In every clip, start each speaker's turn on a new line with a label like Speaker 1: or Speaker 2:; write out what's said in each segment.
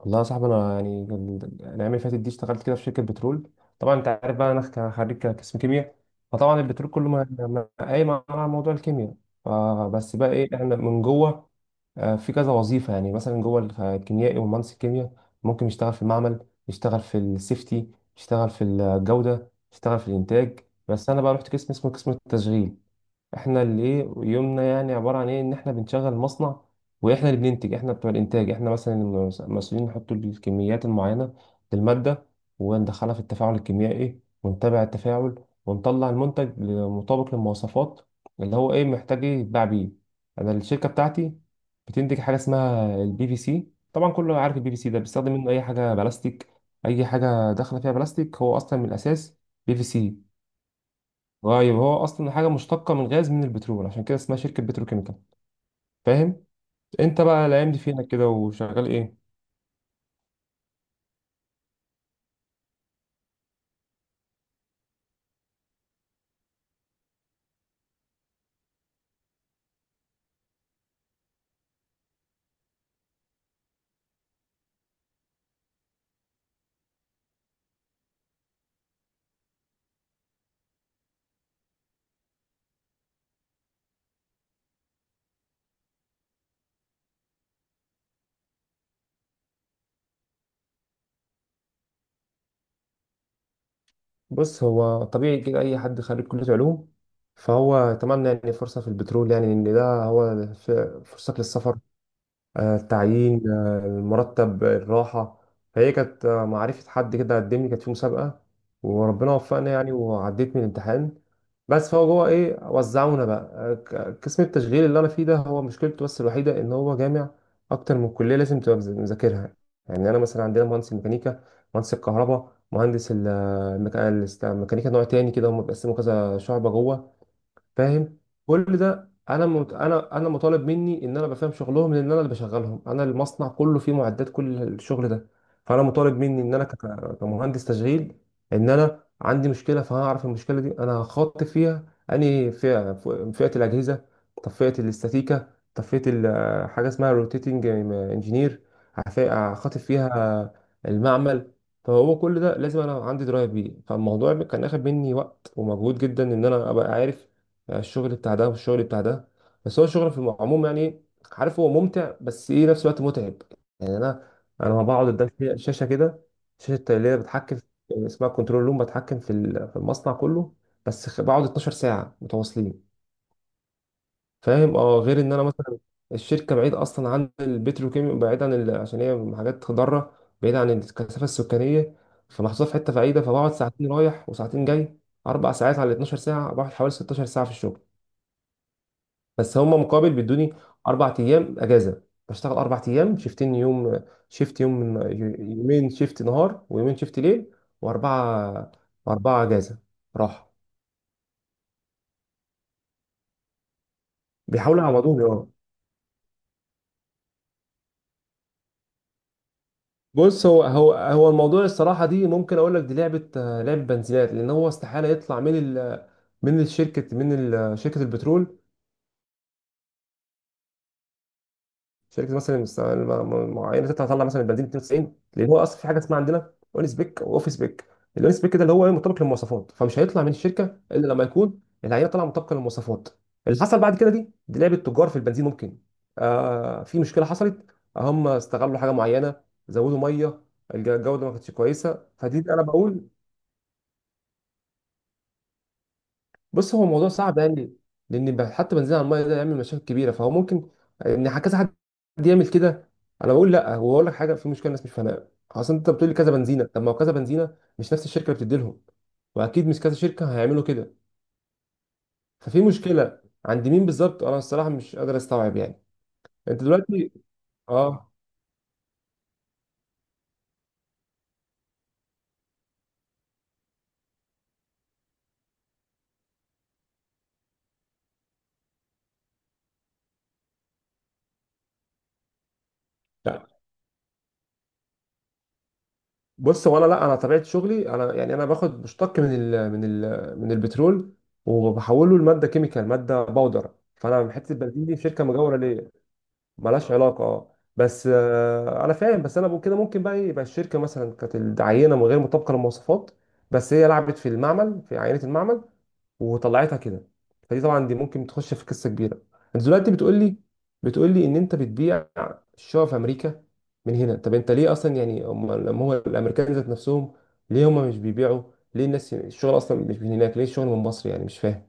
Speaker 1: والله يا صاحبي، انا يعني الايام اللي فاتت دي اشتغلت كده في شركه بترول. طبعا انت عارف بقى انا خريج قسم كيمياء. فطبعا البترول كله قايم على موضوع الكيمياء. فبس بقى ايه احنا من جوه؟ في كذا وظيفه، يعني مثلا جوه الكيميائي ومهندس الكيمياء ممكن يشتغل في المعمل، يشتغل في السيفتي، يشتغل في الجوده، يشتغل في الانتاج. بس انا بقى رحت قسم اسمه قسم التشغيل. احنا اللي ايه يومنا، يعني عباره عن ايه ان احنا بنشغل مصنع، واحنا اللي بننتج، احنا بتوع الانتاج، احنا مثلا المسؤولين نحط الكميات المعينه للماده، وندخلها في التفاعل الكيميائي ونتابع التفاعل، ونطلع المنتج مطابق للمواصفات، اللي هو ايه محتاج ايه يتباع بيه. انا الشركه بتاعتي بتنتج حاجه اسمها البي في سي. طبعا كله عارف البي في سي ده بيستخدم منه اي حاجه بلاستيك، اي حاجه داخله فيها بلاستيك هو اصلا من الاساس بي في سي. طيب هو اصلا حاجه مشتقه من غاز، من البترول، عشان كده اسمها شركه بتروكيميكال. فاهم؟ انت بقى الايام دي فينك كده وشغال ايه؟ بص، هو طبيعي كده اي حد خريج كليه علوم فهو اتمنى يعني فرصه في البترول، يعني ان ده هو فرصتك للسفر، التعيين، المرتب، الراحة. فهي كانت معرفة حد كده قدمني، كانت في مسابقة وربنا وفقنا يعني وعديت من الامتحان. بس فهو جوه ايه وزعونا بقى قسم التشغيل اللي انا فيه ده، هو مشكلته بس الوحيدة ان هو جامع اكتر من كلية لازم تبقى مذاكرها. يعني انا مثلا عندنا مهندس الميكانيكا، مهندس الكهرباء، مهندس الميكانيكا نوع تاني كده، هم بيقسموا كذا شعبة جوه. فاهم؟ كل ده انا مطالب مني ان انا بفهم شغلهم، لان انا اللي بشغلهم. انا المصنع كله فيه معدات، كل الشغل ده. فانا مطالب مني ان انا كمهندس تشغيل، ان انا عندي مشكله، فهعرف المشكله دي انا هخاطب فيها انهي فئه. فئه الاجهزه؟ طب فئه الاستاتيكا؟ طب فئه حاجه اسمها روتيتنج انجينير؟ هخاطب فيها المعمل. فهو كل ده لازم انا عندي درايه بيه. فالموضوع كان اخد مني وقت ومجهود جدا ان انا ابقى عارف الشغل بتاع ده والشغل بتاع ده. بس هو الشغل في العموم، يعني عارف، هو ممتع بس ايه نفس الوقت متعب. يعني انا لما بقعد قدام شاشه كده، شاشه اللي هي اسمها كنترول روم بتحكم في في المصنع كله، بس بقعد 12 ساعه متواصلين. فاهم؟ اه، غير ان انا مثلا الشركه بعيد اصلا عن البتروكيمياء، بعيد عن عشان هي حاجات ضاره، بعيد عن الكثافه السكانيه، فمحطوطه في حته بعيده. فبقعد ساعتين رايح وساعتين جاي، اربع ساعات على 12 ساعه، بقعد حوالي 16 ساعه في الشغل. بس هم مقابل بيدوني اربع ايام اجازه. بشتغل اربع ايام، شيفتين يوم، شيفت يوم، يومين شيفت نهار ويومين شيفت ليل، واربعه، واربعه اجازه، راحه. بيحاولوا يعوضوني، اه. بص، هو الموضوع الصراحه دي، ممكن اقول لك دي لعبه، لعبه بنزينات. لان هو استحاله يطلع من ال، من الشركه، من شركه البترول. شركه مثلا معينه تطلع مثلا البنزين 92، لان هو اصلا في حاجه اسمها عندنا اون سبيك واوف سبيك. الاون سبيك ده اللي هو إيه؟ مطابق للمواصفات. فمش هيطلع من الشركه الا لما يكون العينه طالعه مطابقه للمواصفات. اللي حصل بعد كده، دي لعبه تجار في البنزين. ممكن، في مشكله حصلت، هم استغلوا حاجه معينه، زودوا ميه، الجوده ما كانتش كويسه. فدي انا بقول. بص، هو موضوع صعب يعني، لان حتى بنزين على الميه ده يعمل مشاكل كبيره، فهو ممكن ان كذا حد يعمل كده. انا بقول لا. هو اقول لك حاجه، في مشكله الناس مش فاهمها، اصل انت بتقول لي كذا بنزينه، طب ما هو كذا بنزينه مش نفس الشركه اللي بتدي لهم، واكيد مش كذا شركه هيعملوا كده. ففي مشكله عند مين بالظبط؟ انا الصراحه مش قادر استوعب، يعني. انت دلوقتي، اه. لا، بص هو انا، لا انا طبيعه شغلي، انا يعني انا باخد مشتق من البترول، وبحوله لماده كيميكال، ماده باودر، فانا حته البنزين دي في شركه مجاوره، ملهاش علاقه. اه بس، انا فاهم. بس انا بقول كده ممكن بقى إيه، يبقى الشركه مثلا كانت العينه من غير مطابقه للمواصفات، بس هي لعبت في المعمل في عينه المعمل وطلعتها كده. فدي طبعا دي ممكن تخش في قصه كبيره. انت دلوقتي بتقول لي ان انت بتبيع الشقق في امريكا من هنا. طب انت ليه اصلا، يعني هم لما هو الامريكان ذات نفسهم، ليه هم مش بيبيعوا؟ ليه الناس الشغل اصلا مش من هناك؟ ليه الشغل من مصر؟ يعني مش فاهم.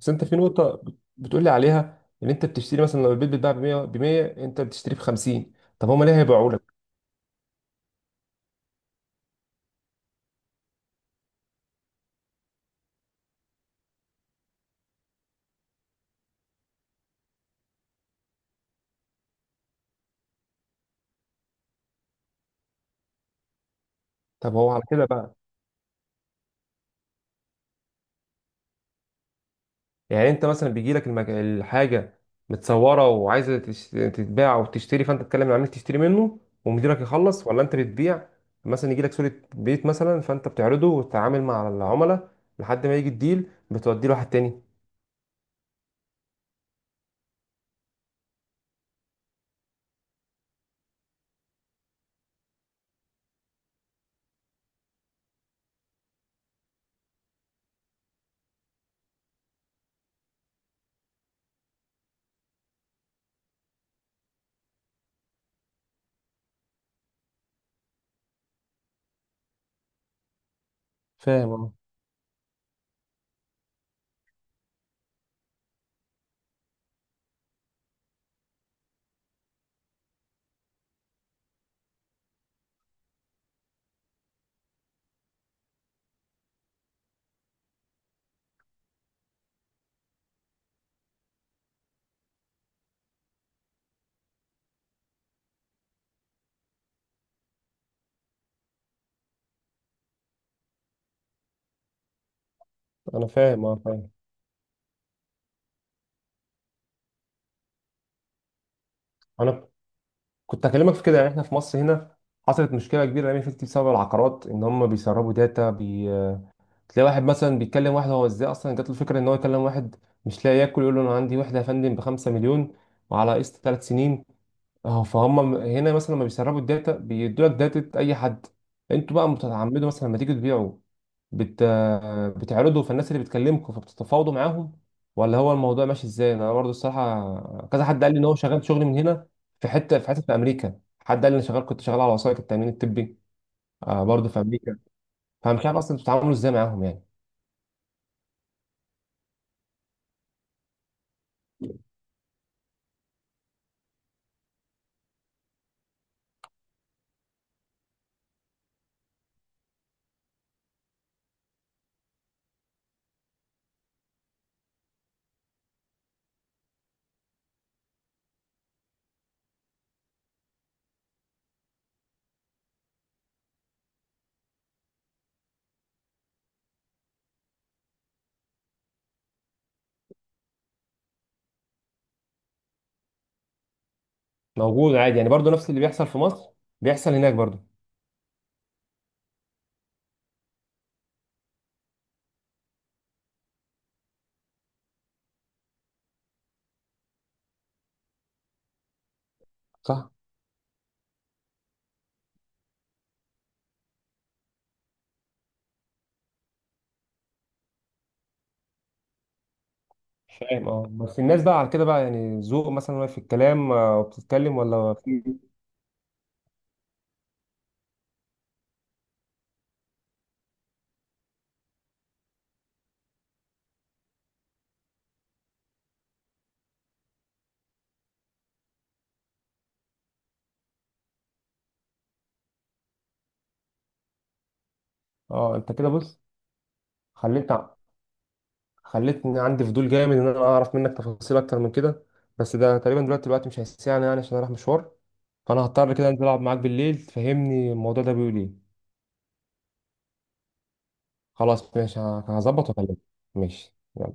Speaker 1: بس انت في نقطة بتقول لي عليها ان انت بتشتري، مثلا لو البيت بيتباع ب 100، ب 100 انت بتشتريه ب 50، طب هما ليه هيبيعوا لك؟ طب هو على كده بقى، يعني انت مثلا بيجي لك الحاجة متصورة وعايزة تتباع او تشتري، فانت تتكلم مع العميل تشتري منه ومديرك يخلص، ولا انت بتبيع؟ مثلا يجي لك صورة بيت، مثلا فانت بتعرضه وتتعامل مع العملاء لحد ما يجي الديل بتوديه لواحد تاني؟ فاهم، اه. انا فاهم، اه، فاهم. انا كنت هكلمك في كده. يعني احنا في مصر هنا حصلت مشكله كبيره الايام اللي فاتت بسبب العقارات، ان هم بيسربوا داتا تلاقي واحد مثلا بيتكلم واحد، هو ازاي اصلا جات له الفكره ان هو يكلم واحد مش لاقي ياكل يقول له انا عندي وحده يا فندم ب 5 مليون وعلى قسط 3 سنين؟ اه، فهم هنا مثلا لما بيسربوا الداتا بيدوا لك داتا اي حد. انتوا بقى بتتعمدوا مثلا لما تيجوا تبيعوا، بت... بتعرضوا، فالناس اللي بتكلمكم فبتتفاوضوا معاهم، ولا هو الموضوع ماشي ازاي؟ انا برضه الصراحه كذا حد قال لي ان هو شغال شغل من هنا في حته في امريكا. حد قال لي انا شغال، كنت شغال على وثائق التامين الطبي، برضه في امريكا. فمش عارف اصلا بتتعاملوا ازاي معاهم، يعني. موجود عادي، يعني برضه نفس اللي بيحصل في مصر بيحصل هناك برضه. صح. فاهم، اه. بس الناس بقى على كده بقى، يعني ذوق مثلا، وهي في الكلام وبتتكلم، ولا في؟ اه، انت كده بص، خليت خليتني عندي فضول جامد ان انا اعرف منك تفاصيل اكتر من كده. بس ده تقريبا دلوقتي الوقت مش هيسعني، يعني عشان اروح مشوار. فانا هضطر كده انزل العب معاك بالليل تفهمني الموضوع ده بيقول ايه. خلاص، ماشي، هظبط واكلمك. ماشي، يلا.